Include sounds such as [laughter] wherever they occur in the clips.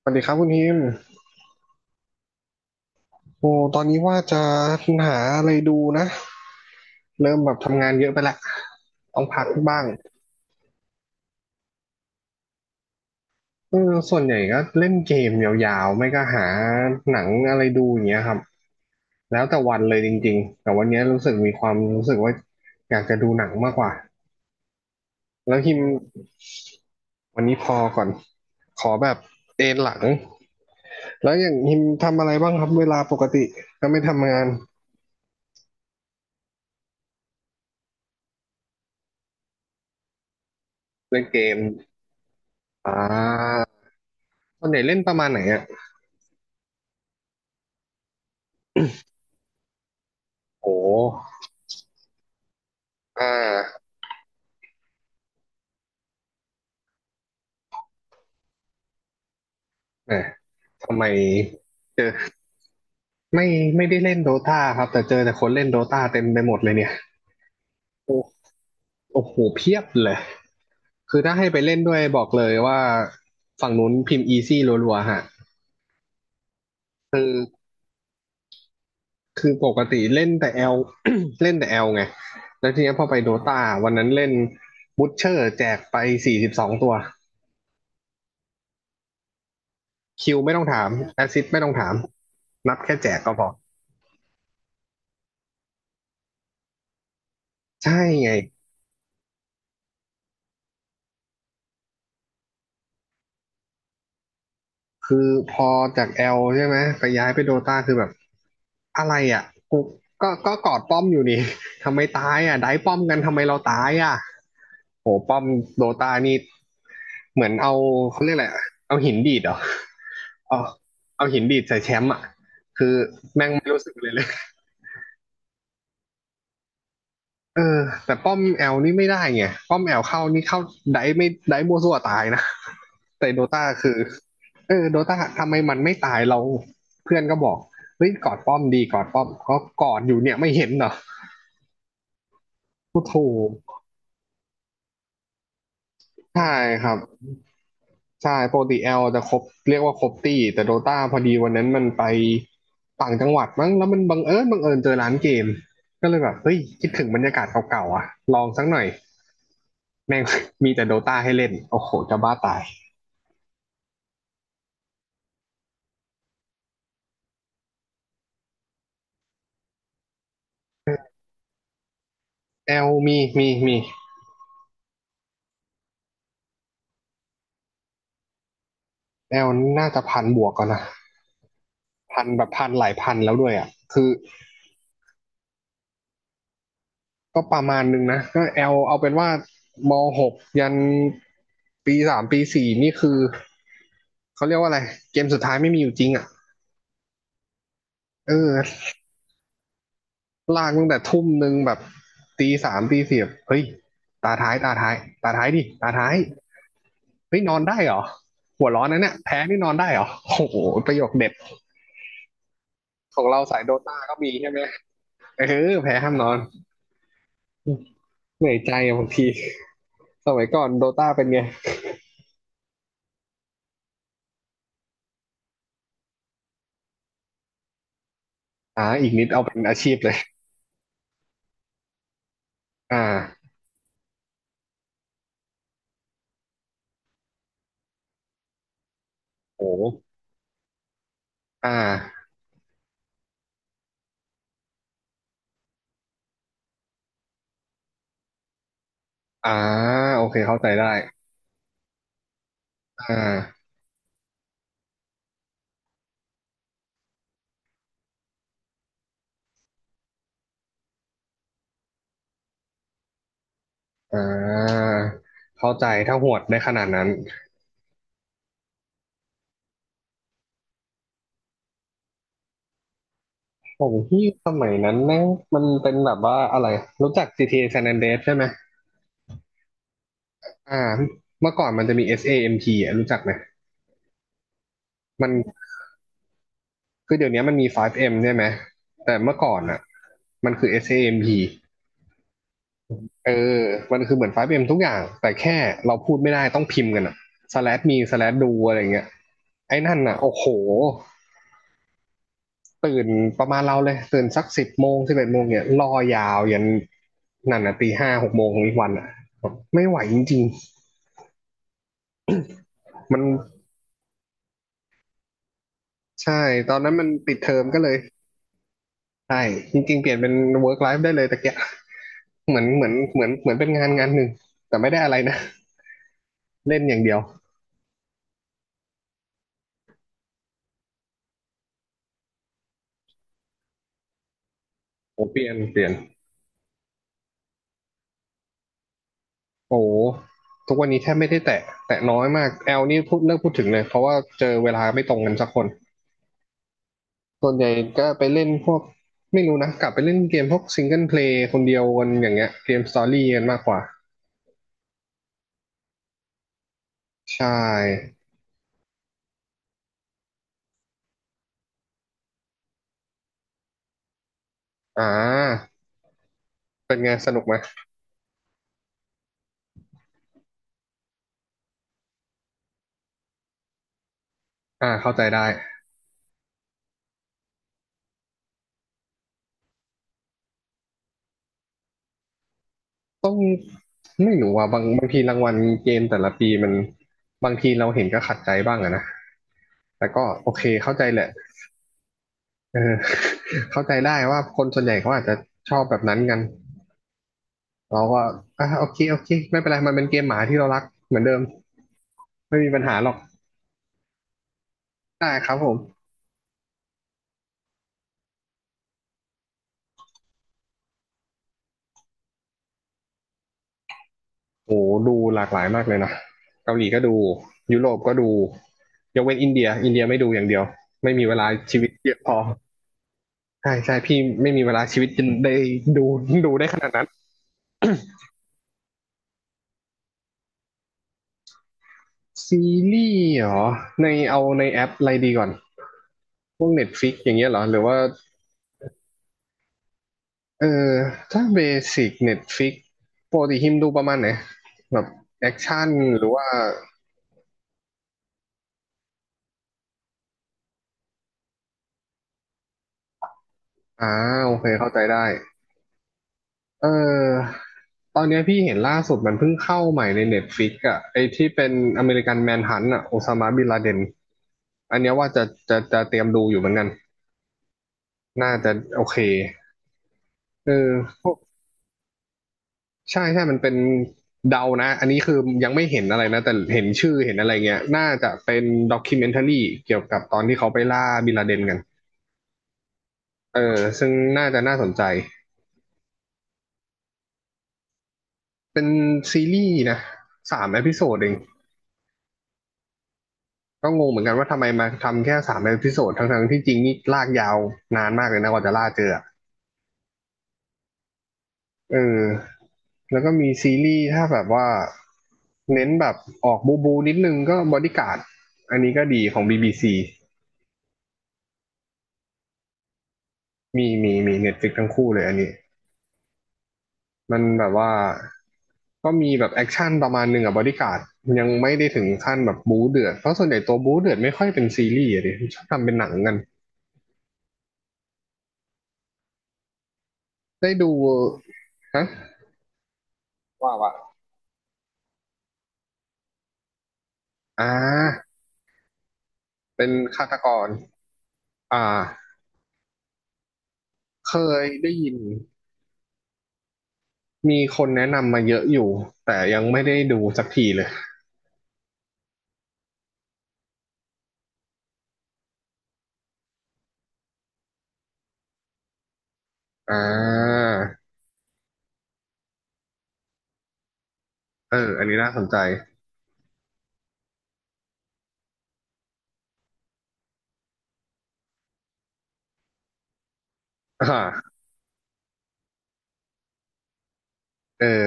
สวัสดีครับคุณพิมพ์โอ้ตอนนี้ว่าจะหาอะไรดูนะเริ่มแบบทำงานเยอะไปละต้องพักบ้างเออส่วนใหญ่ก็เล่นเกมยาวๆไม่ก็หาหนังอะไรดูอย่างเงี้ยครับแล้วแต่วันเลยจริงๆแต่วันเนี้ยรู้สึกมีความรู้สึกว่าอยากจะดูหนังมากกว่าแล้วพิมพ์วันนี้พอก่อนขอแบบเอนหลังแล้วอย่างพิมพ์ทำอะไรบ้างครับเวลาปกติก็ไม่ทำงานเล่นเกมอ่าส่วนใหญ่เล่นประมาณไหนอ่ะโอ้ อ่าเออทำไมเจอไม่ไม่ได้เล่นโดตาครับแต่เจอแต่คนเล่นโดตาเต็มไปหมดเลยเนี่ยโอ้โอ้โหเพียบเลยคือถ้าให้ไปเล่นด้วยบอกเลยว่าฝั่งนู้นพิมพ์อีซี่รัวๆฮะคือปกติเล่นแต่แอล [coughs] เล่นแต่แอลไงแล้วทีเนี้ยพอไปโดตาวันนั้นเล่นบูทเชอร์แจกไป42 ตัวคิวไม่ต้องถามแอสซิสไม่ต้องถามนับแค่แจกก็พอใช่ไงคือพอจากแอลใช่ไหมไปย้ายไปโดตาคือแบบ อะไรอ่ะกูก็กอดป้อมอยู่นี่ [laughs] ทำไมตายอ่ะได้ป้อมกันทำไมเราตายอ่ะโหป้อมโดตานี่เหมือนเอาเขาเรียกอะไระเอาหินดีดเหรอเอาเอาหินดีดใส่แชมป์อ่ะคือแม่งไม่รู้สึกเลย [laughs] เออแต่ป้อมแอลนี่ไม่ได้ไงป้อมแอลเข้านี่เข้าได้ไม่ได้มัวซั่วตายนะ [laughs] แต่โดตาคือเออโดตาทำไมมันไม่ตายเราเพื่อนก็บอกเฮ้ยกอดป้อมดีกอดป้อมก็กอดอยู่เนี่ยไม่เห็นเหรอโอ้โห ใช่ครับใช่ปกติแอลจะครบเรียกว่าครบตี้แต่โดตาพอดีวันนั้นมันไปต่างจังหวัดมั้งแล้วมันบังเอิญเจอร้านเกมก็เลยแบบเฮ้ยคิดถึงบรรยากาศเก่าๆอ่ะลองสักหน่อยแม่ง [laughs] มีแต่โดตาให้เล่นโอ้โหจะบ้าตายแอลมีแอลน่าจะพันบวกก่อนนะพันแบบพันหลายพันแล้วด้วยอ่ะคือก็ประมาณนึงนะก็แอลเอาเป็นว่ามหกยันปีสามปีสี่นี่คือเขาเรียกว่าอะไรเกมสุดท้ายไม่มีอยู่จริงอ่ะเออ ลากตั้งแต่ทุ่มหนึ่งแบบตีสามตีสี่บเฮ้ยตาท้ายตาท้ายดิตาท้ายเฮ้ยนอนได้เหรอหัวร้อนนะเนี่ยแพ้นี่นอนได้เหรอโอ้โหประโยคเด็ดของเราสายโดตาก็มีใช่ไหมเออแพ้ห้ามนอนเหนื่อยใจบางทีสมัยก่อนโดตาเป็นไงอ่าอีกนิดเอาเป็นอาชีพเลยอ่าโอ้อ่าอ่าโอเคเข้าใจได้อ่าอ่าเข้าใจถ้าหวดได้ขนาดนั้น ของพี่สมัยนั้นแม่งมันเป็นแบบว่าอะไรรู้จัก GTA San Andreas ใช่ไหมอ่าเมื่อก่อนมันจะมี SAMP อสเอเอ็มพีอ่ะรู้จักไหม มันคือเดี๋ยวนี้มันมี 5M ใช่ไหม แต่เมื่อก่อนอ่ะมันคือ SAMP เอเอมพีเออมันคือเหมือน 5M ทุกอย่าง แต่แค่เราพูดไม่ได้ต้องพิมพ์กันอ่ะ slash me slash do อะไรเงี้ยไอ้นั่นอ่ะโอ้โห ตื่นประมาณเราเลย ตื่นสัก10 โมง 11 โมงเนี่ยรอยาวยันนั่นอ่ะตีห้าหกโมงของอีกวันอ่ะไม่ไหวจริงๆมัน ใช่ตอนนั้นมันปิดเทอมก็เลยใช่จริงๆเปลี่ยนเป็น work life ได้เลยตะเกียะเหมือนเหมือนเหมือนเหมือนเป็นงานหนึ่งแต่ไม่ได้อะไรนะเล่นอย่างเดียวโอ้เปลี่ยนโอ้ทุกวันนี้แทบไม่ได้แตะแตะน้อยมากแอลนี่พูดเลิกพูดถึงเลยเพราะว่าเจอเวลาไม่ตรงกันสักคนส่วนใหญ่ก็ไปเล่นพวกไม่รู้นะกลับไปเล่นเกมพวกซิงเกิลเพลย์คนเดียวกันอย่างเงี้ยเกมสตอรี่กันมากกว่าใช่อ่าเป็นไงสนุกไหมอ่าเข้าใจได้ ต้องไม่รู้อ่ะบางบางทีรางวัลเกมแต่ละปีมันบางทีเราเห็นก็ขัดใจบ้างอะนะแต่ก็โอเคเข้าใจแหละเออ [laughs] เข้าใจได้ว่าคนส่วนใหญ่เขาอาจจะชอบแบบนั้นกันเราก็อ่ะโอเคโอเคไม่เป็นไรมันเป็นเกมหมาที่เรารักเหมือนเดิมไม่มีปัญหาหรอกได้ครับผมโอ้ดูหลากหลายมากเลยนะเกาหลีก็ดูยุโรปก็ดูยกเว้นอินเดียอินเดียไม่ดูอย่างเดียวไม่มีเวลาชีวิตเยอะพอใช่ใช่พี่ไม่มีเวลาชีวิตจนได้ดูดูได้ขนาดนั้น ซีรีส์เหรอในเอาในแอปอะไรดีก่อนพวก Netflix อย่างเงี้ยเหรอหรือว่าเออถ้าเบสิก Netflix ปกติฮิมดูประมาณไหนแบบแอคชั่นหรือว่าอ่าโอเคเข้าใจได้เออตอนเนี้ยพี่เห็นล่าสุดมันเพิ่งเข้าใหม่ใน Netflix อ่ะไอที่เป็นอเมริกันแมนฮันต์อ่ะโอซามาบินลาเดนอันเนี้ยว่าจะจะเตรียมดูอยู่เหมือนกันน่าจะโอเคเออ ใช่ใช่มันเป็นเดานะ อันนี้คือยังไม่เห็นอะไรนะ แต่เห็นชื่อเห็นอะไรเงี้ย น่าจะเป็นด็อกคิวเมนท r รีเกี่ยวกับตอนที่เขาไปล่าบินลาเดนกันเออซึ่งน่าจะน่าสนใจ เป็นซีรีส์นะสามเอพิโซดเอง ก็งงเหมือนกันว่าทำไมมาทำแค่สามเอพิโซดทั้งๆที่จริงนี่ลากยาวนานมากเลยนะกว่าจะล่าเจอ เออ แล้วก็มีซีรีส์ถ้าแบบว่าเน้นแบบออกบูบูนิดนึงก็บอดี้การ์ดอันนี้ก็ดีของบีบีซี มีเน็ตฟลิกทั้งคู่เลยอันนี้มันแบบว่าก็มีแบบแอคชั่นประมาณหนึ่งอะบอดี้การ์ดยังไม่ได้ถึงขั้นแบบบู๊เดือดเพราะส่วนใหญ่ตัวบู๊เดือดไม่ค่อยเป็นซีรีส์อะดิชอบทำเป็นหนังกันได้ดูฮะว่าว่าอ่าเป็นฆาตกรอ่าเคยได้ยินมีคนแนะนำมาเยอะอยู่แต่ยังไม่ได้ดูสักทีเลยอ่าเอออันนี้น่าสนใจอ่าเออ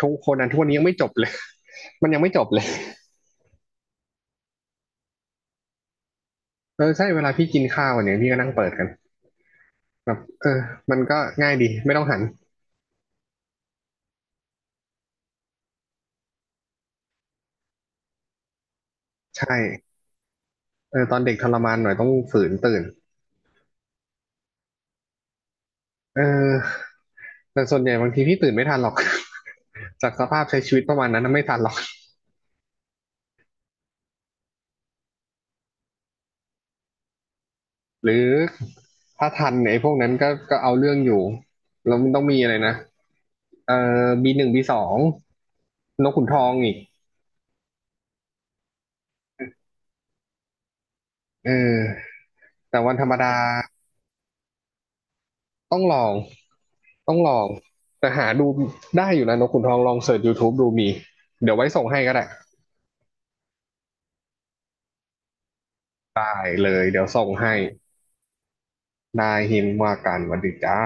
ทุกคนนั้นทุกวันนี้ยังไม่จบเลย [laughs] มันยังไม่จบเลย เออใช่เวลาพี่กินข้าวเนี่ยพี่ก็นั่งเปิดกันแบบเออมันก็ง่ายดีไม่ต้องหันใช่เออตอนเด็กทรมานหน่อยต้องฝืนตื่นเออแต่ส่วนใหญ่บางทีพี่ตื่นไม่ทันหรอก [laughs] จากสภาพใช้ชีวิตประมาณนั้นนะไม่ทันหรอกหรือถ้าทันเนี่ยไอ้พวกนั้นก็เอาเรื่องอยู่แล้วมันต้องมีอะไรนะเออบีหนึ่งบีสองนกขุนทองอีกเออแต่วันธรรมดา ต้องลอง ต้องลอง แต่หาดูได้อยู่นะนกขุนทองลองเสิร์ช YouTube ดูมี เดี๋ยวไว้ส่งให้ก็ได้ไปเลยเดี๋ยวส่งให้นายหินว่าการวันดีจ้า